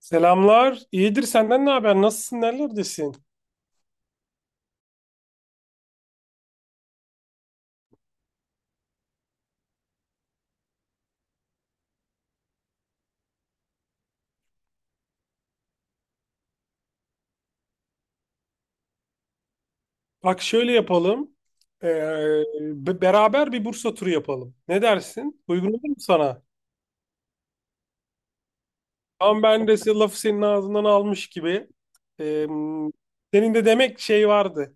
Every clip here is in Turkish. Selamlar. İyidir, senden ne haber? Nasılsın? Nerelerdesin? Bak şöyle yapalım. Ee, beraber bir Bursa turu yapalım. Ne dersin? Uygun olur mu sana? Ama ben de lafı senin ağzından almış gibi. Ee, senin de demek şey vardı.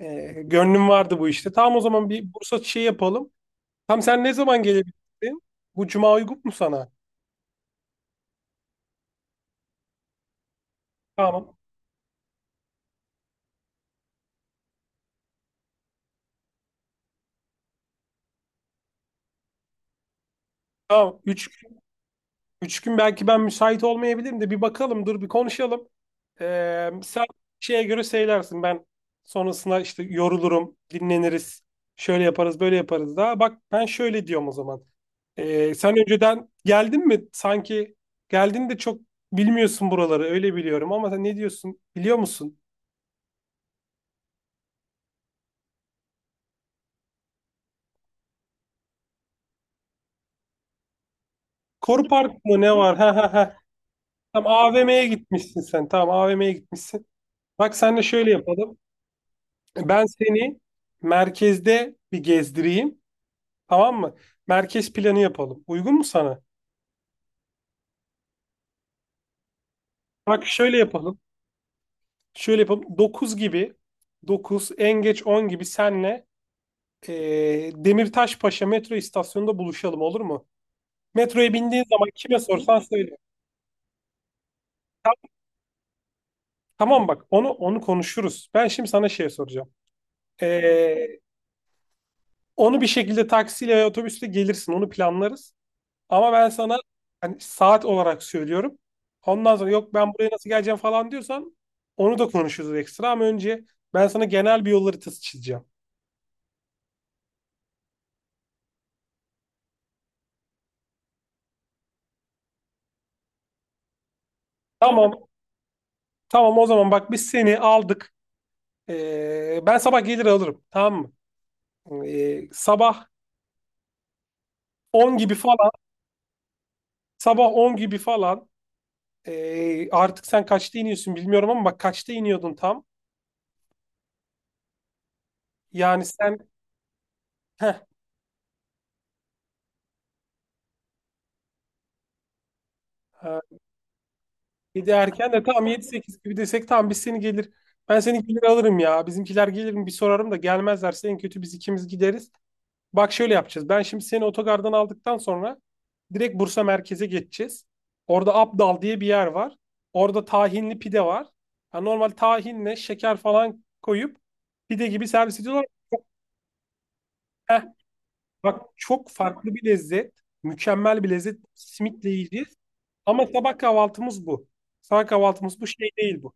Gönlün vardı bu işte. Tamam, o zaman bir Bursa şey yapalım. Tam sen ne zaman gelebilirsin? Bu cuma uygun mu sana? Tamam. Tamam. Üç gün belki ben müsait olmayabilirim de bir bakalım, dur bir konuşalım. Sen şeye göre söylersin, ben sonrasında işte yorulurum, dinleniriz, şöyle yaparız, böyle yaparız daha. Bak, ben şöyle diyorum o zaman. Sen önceden geldin mi? Sanki geldin de çok bilmiyorsun buraları öyle biliyorum, ama sen ne diyorsun biliyor musun? Koru Park mı ne var? Ha ha ha. Tamam, AVM'ye gitmişsin sen. Tamam, AVM'ye gitmişsin. Bak senle şöyle yapalım. Ben seni merkezde bir gezdireyim. Tamam mı? Merkez planı yapalım. Uygun mu sana? Bak şöyle yapalım. Şöyle yapalım. 9 gibi, 9 en geç 10 gibi senle Demirtaşpaşa metro istasyonunda buluşalım olur mu? Metroya bindiğin zaman kime sorsan söyle. Ta- Tamam bak, onu konuşuruz. Ben şimdi sana şey soracağım. Eee, onu bir şekilde taksiyle veya otobüsle gelirsin. Onu planlarız. Ama ben sana hani saat olarak söylüyorum. Ondan sonra yok ben buraya nasıl geleceğim falan diyorsan, onu da konuşuruz ekstra, ama önce ben sana genel bir yol haritası çizeceğim. Tamam. Tamam, o zaman bak, biz seni aldık. Ben sabah gelir alırım. Tamam mı? Sabah 10 gibi falan. Sabah 10 gibi falan. Artık sen kaçta iniyorsun bilmiyorum, ama bak, kaçta iniyordun tam. Yani sen heh, e, 7 erken de, tam 7-8 gibi desek, tamam biz seni gelir. Ben seni gelir alırım ya. Bizimkiler gelir mi bir sorarım, da gelmezlerse en kötü biz ikimiz gideriz. Bak şöyle yapacağız. Ben şimdi seni otogardan aldıktan sonra direkt Bursa merkeze geçeceğiz. Orada Abdal diye bir yer var. Orada tahinli pide var. Ha, normal tahinle şeker falan koyup pide gibi servis ediyorlar. Heh, bak, çok farklı bir lezzet. Mükemmel bir lezzet. Simitle yiyeceğiz. Ama sabah kahvaltımız bu. Sabah kahvaltımız bu, şey değil bu,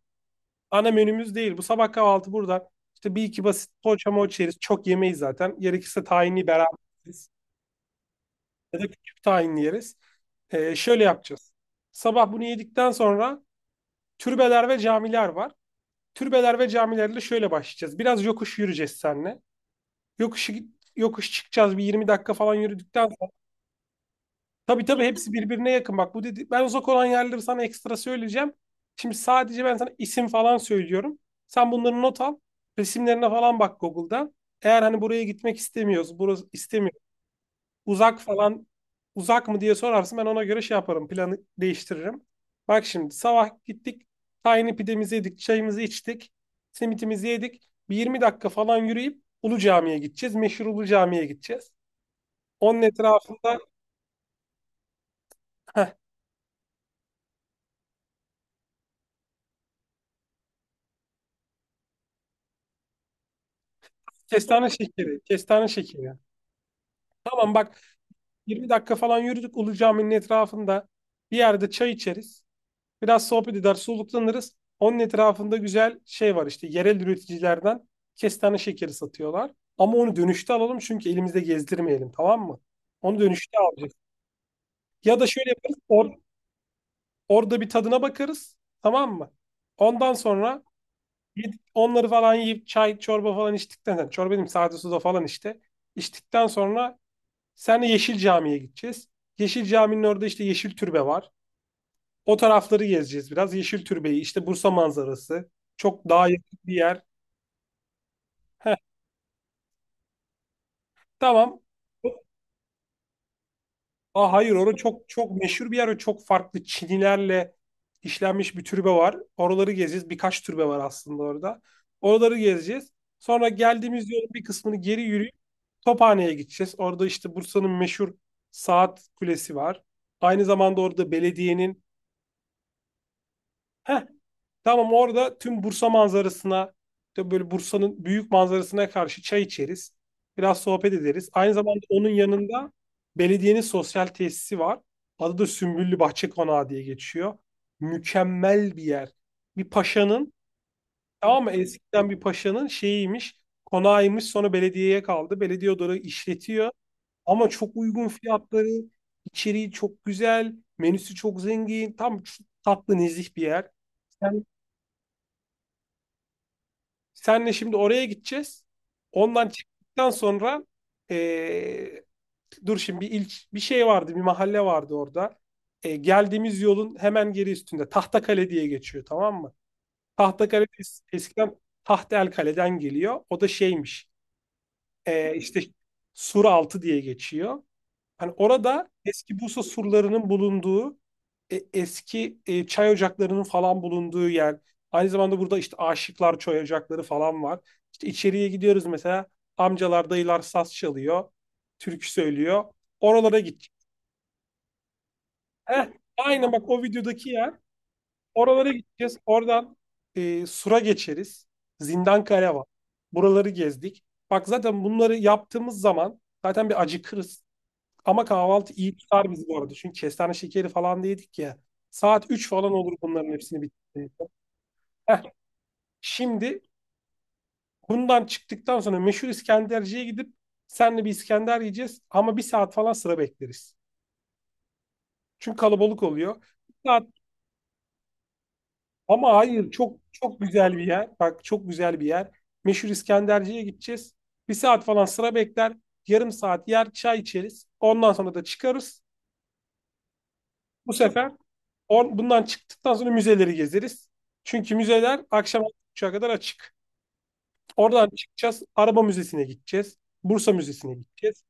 ana menümüz değil. Bu sabah kahvaltı burada. İşte bir iki basit poğaça moğaça yeriz. Çok yemeyiz zaten. Gerekirse tahinli beraber yeriz. Ya da küçük tahinli yeriz. Şöyle yapacağız. Sabah bunu yedikten sonra türbeler ve camiler var. Türbeler ve camilerle şöyle başlayacağız. Biraz yokuş yürüyeceğiz seninle. Yokuş, yokuş çıkacağız. Bir 20 dakika falan yürüdükten... Tabii tabii, hepsi birbirine yakın. Bak, bu dedi, ben uzak olan yerleri sana ekstra söyleyeceğim. Şimdi sadece ben sana isim falan söylüyorum. Sen bunları not al. Resimlerine falan bak Google'da. Eğer hani buraya gitmek istemiyoruz, burası istemiyor. Uzak falan, uzak mı diye sorarsın, ben ona göre şey yaparım. Planı değiştiririm. Bak şimdi sabah gittik. Tiny pidemizi yedik, çayımızı içtik. Simitimizi yedik. Bir 20 dakika falan yürüyüp Ulu Cami'ye gideceğiz. Meşhur Ulu Cami'ye gideceğiz. Onun etrafında kestane şekeri, kestane şekeri. Tamam bak, 20 dakika falan yürüdük Ulu Cami'nin etrafında. Bir yerde çay içeriz. Biraz sohbet eder, soluklanırız. Onun etrafında güzel şey var, işte yerel üreticilerden kestane şekeri satıyorlar. Ama onu dönüşte alalım, çünkü elimizde gezdirmeyelim, tamam mı? Onu dönüşte alacağız. Ya da şöyle yaparız, orada bir tadına bakarız, tamam mı? Ondan sonra gidip onları falan yiyip çay çorba falan içtikten sonra, çorba dedim sade suda falan işte. İçtikten sonra senle Yeşil Cami'ye gideceğiz. Yeşil Cami'nin orada işte Yeşil Türbe var. O tarafları gezeceğiz biraz. Yeşil Türbe'yi, işte Bursa manzarası. Çok daha yakın bir yer. Heh, tamam. Aa, hayır, orada çok çok meşhur bir yer ve çok farklı çinilerle işlenmiş bir türbe var. Oraları gezeceğiz. Birkaç türbe var aslında orada. Oraları gezeceğiz. Sonra geldiğimiz yolun bir kısmını geri yürüyüp Tophane'ye gideceğiz. Orada işte Bursa'nın meşhur saat kulesi var. Aynı zamanda orada belediyenin... Heh, Tamam, orada tüm Bursa manzarasına, işte böyle Bursa'nın büyük manzarasına karşı çay içeriz. Biraz sohbet ederiz. Aynı zamanda onun yanında belediyenin sosyal tesisi var. Adı da Sümbüllü Bahçe Konağı diye geçiyor. Mükemmel bir yer. Bir paşanın, tamam mı? Eskiden bir paşanın şeyiymiş, konağıymış. Sonra belediyeye kaldı. Belediye odaları işletiyor. Ama çok uygun fiyatları, içeriği çok güzel, menüsü çok zengin. Tam tatlı, nezih bir yer. Sen Senle şimdi oraya gideceğiz. Ondan çıktıktan sonra eee, dur şimdi, bir şey vardı, bir mahalle vardı orada. Geldiğimiz yolun hemen geri üstünde Tahtakale diye geçiyor, tamam mı? Tahtakale eskiden Tahtelkale'den geliyor. O da şeymiş. İşte Suraltı diye geçiyor. Hani orada eski Bursa surlarının bulunduğu, eski, çay ocaklarının falan bulunduğu yer. Aynı zamanda burada işte aşıklar çay ocakları falan var. İşte içeriye gidiyoruz mesela, amcalar, dayılar saz çalıyor, türkü söylüyor. Oralara gideceğiz. Heh, aynen bak, o videodaki yer. Oralara gideceğiz. Oradan sura geçeriz. Zindankale var. Buraları gezdik. Bak, zaten bunları yaptığımız zaman zaten bir acıkırız. Ama kahvaltı iyi tutar bizi bu arada. Çünkü kestane şekeri falan da yedik ya. Saat 3 falan olur bunların hepsini bitirdiğimizde. Heh, Şimdi bundan çıktıktan sonra meşhur İskenderci'ye gidip senle bir İskender yiyeceğiz. Ama bir saat falan sıra bekleriz. Çünkü kalabalık oluyor. Bir saat, ama hayır, çok çok güzel bir yer. Bak çok güzel bir yer. Meşhur İskenderci'ye gideceğiz. Bir saat falan sıra bekler. Yarım saat yer, çay içeriz. Ondan sonra da çıkarız. Bu sefer bundan çıktıktan sonra müzeleri gezeriz. Çünkü müzeler akşam 6.30'a kadar açık. Oradan çıkacağız. Araba Müzesi'ne gideceğiz. Bursa Müzesi'ne gideceğiz.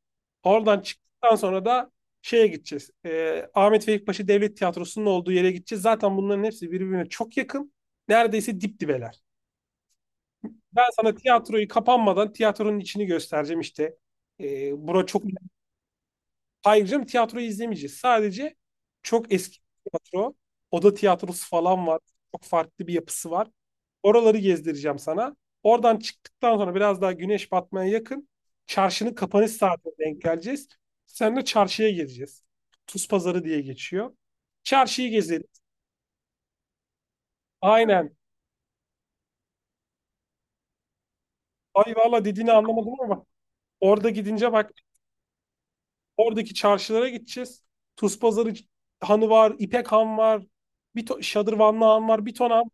Oradan çıktıktan sonra da şeye gideceğiz. Ahmet Vefik Paşa Devlet Tiyatrosu'nun olduğu yere gideceğiz. Zaten bunların hepsi birbirine çok yakın. Neredeyse dip dibeler. Ben sana tiyatroyu kapanmadan tiyatronun içini göstereceğim işte. Bura çok Ayrıca tiyatroyu izlemeyeceğiz. Sadece çok eski bir tiyatro. Oda tiyatrosu falan var. Çok farklı bir yapısı var. Oraları gezdireceğim sana. Oradan çıktıktan sonra biraz daha güneş batmaya yakın çarşının kapanış saatine denk geleceğiz. Seninle çarşıya gezeceğiz. Tuz pazarı diye geçiyor. Çarşıyı gezeriz. Aynen. Ay valla, dediğini anlamadım, ama orada gidince bak, oradaki çarşılara gideceğiz. Tuz pazarı hanı var, İpek han var, Şadırvanlı han var, bir ton han.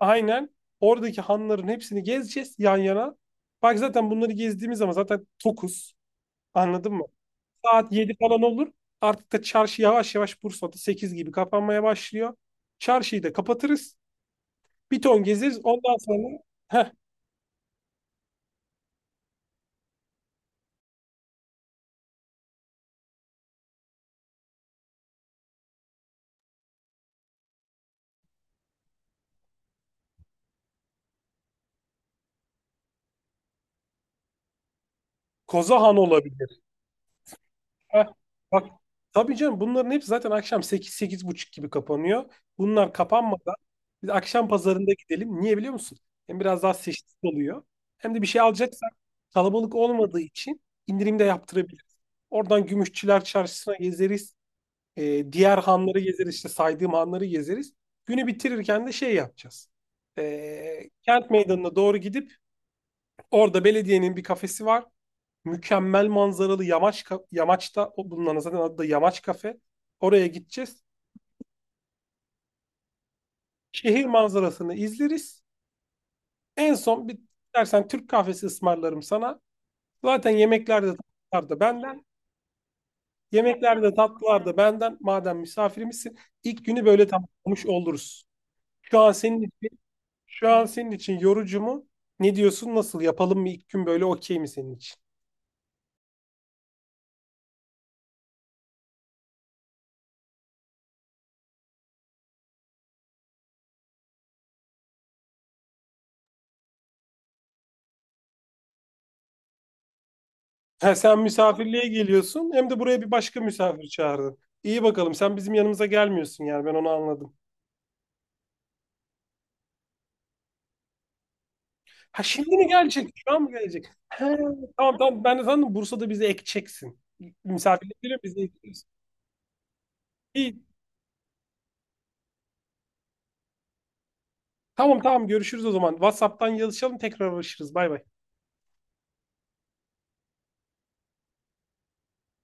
Aynen, oradaki hanların hepsini gezeceğiz yan yana. Bak, zaten bunları gezdiğimiz zaman zaten tokuz. Anladın mı? Saat 7 falan olur. Artık da çarşı yavaş yavaş Bursa'da 8 gibi kapanmaya başlıyor. Çarşıyı da kapatırız. Bir ton gezeriz. Ondan sonra, heh, Koza Han olabilir. Heh, Bak, tabii canım, bunların hepsi zaten akşam 8 buçuk gibi kapanıyor. Bunlar kapanmadan biz akşam pazarında gidelim. Niye biliyor musun? Hem biraz daha seçtik oluyor. Hem de bir şey alacaksak kalabalık olmadığı için indirimde yaptırabiliriz. Oradan Gümüşçüler Çarşısı'na gezeriz. Diğer hanları gezeriz. İşte saydığım hanları gezeriz. Günü bitirirken de şey yapacağız. Kent Meydanı'na doğru gidip orada belediyenin bir kafesi var. Mükemmel manzaralı, yamaçta bulunan, zaten adı da Yamaç Kafe. Oraya gideceğiz. Şehir manzarasını izleriz. En son bir dersen Türk kahvesi ısmarlarım sana. Zaten yemekler de tatlılar da benden. Yemekler de tatlılar da benden. Madem misafirimizsin, ilk günü böyle tamamlamış oluruz. Şu an senin için Şu an senin için yorucu mu? Ne diyorsun? Nasıl yapalım mı? İlk gün böyle okey mi senin için? Ha, sen misafirliğe geliyorsun hem de buraya bir başka misafir çağırdın. İyi bakalım, sen bizim yanımıza gelmiyorsun yani, ben onu anladım. Ha, şimdi mi gelecek? Şu an mı gelecek? He, tamam tamam, ben de sandım Bursa'da bizi ekeceksin. Misafirlikleri bizi ekeceksin. İyi. Tamam tamam, görüşürüz o zaman. WhatsApp'tan yazışalım, tekrar uğraşırız. Bay bay.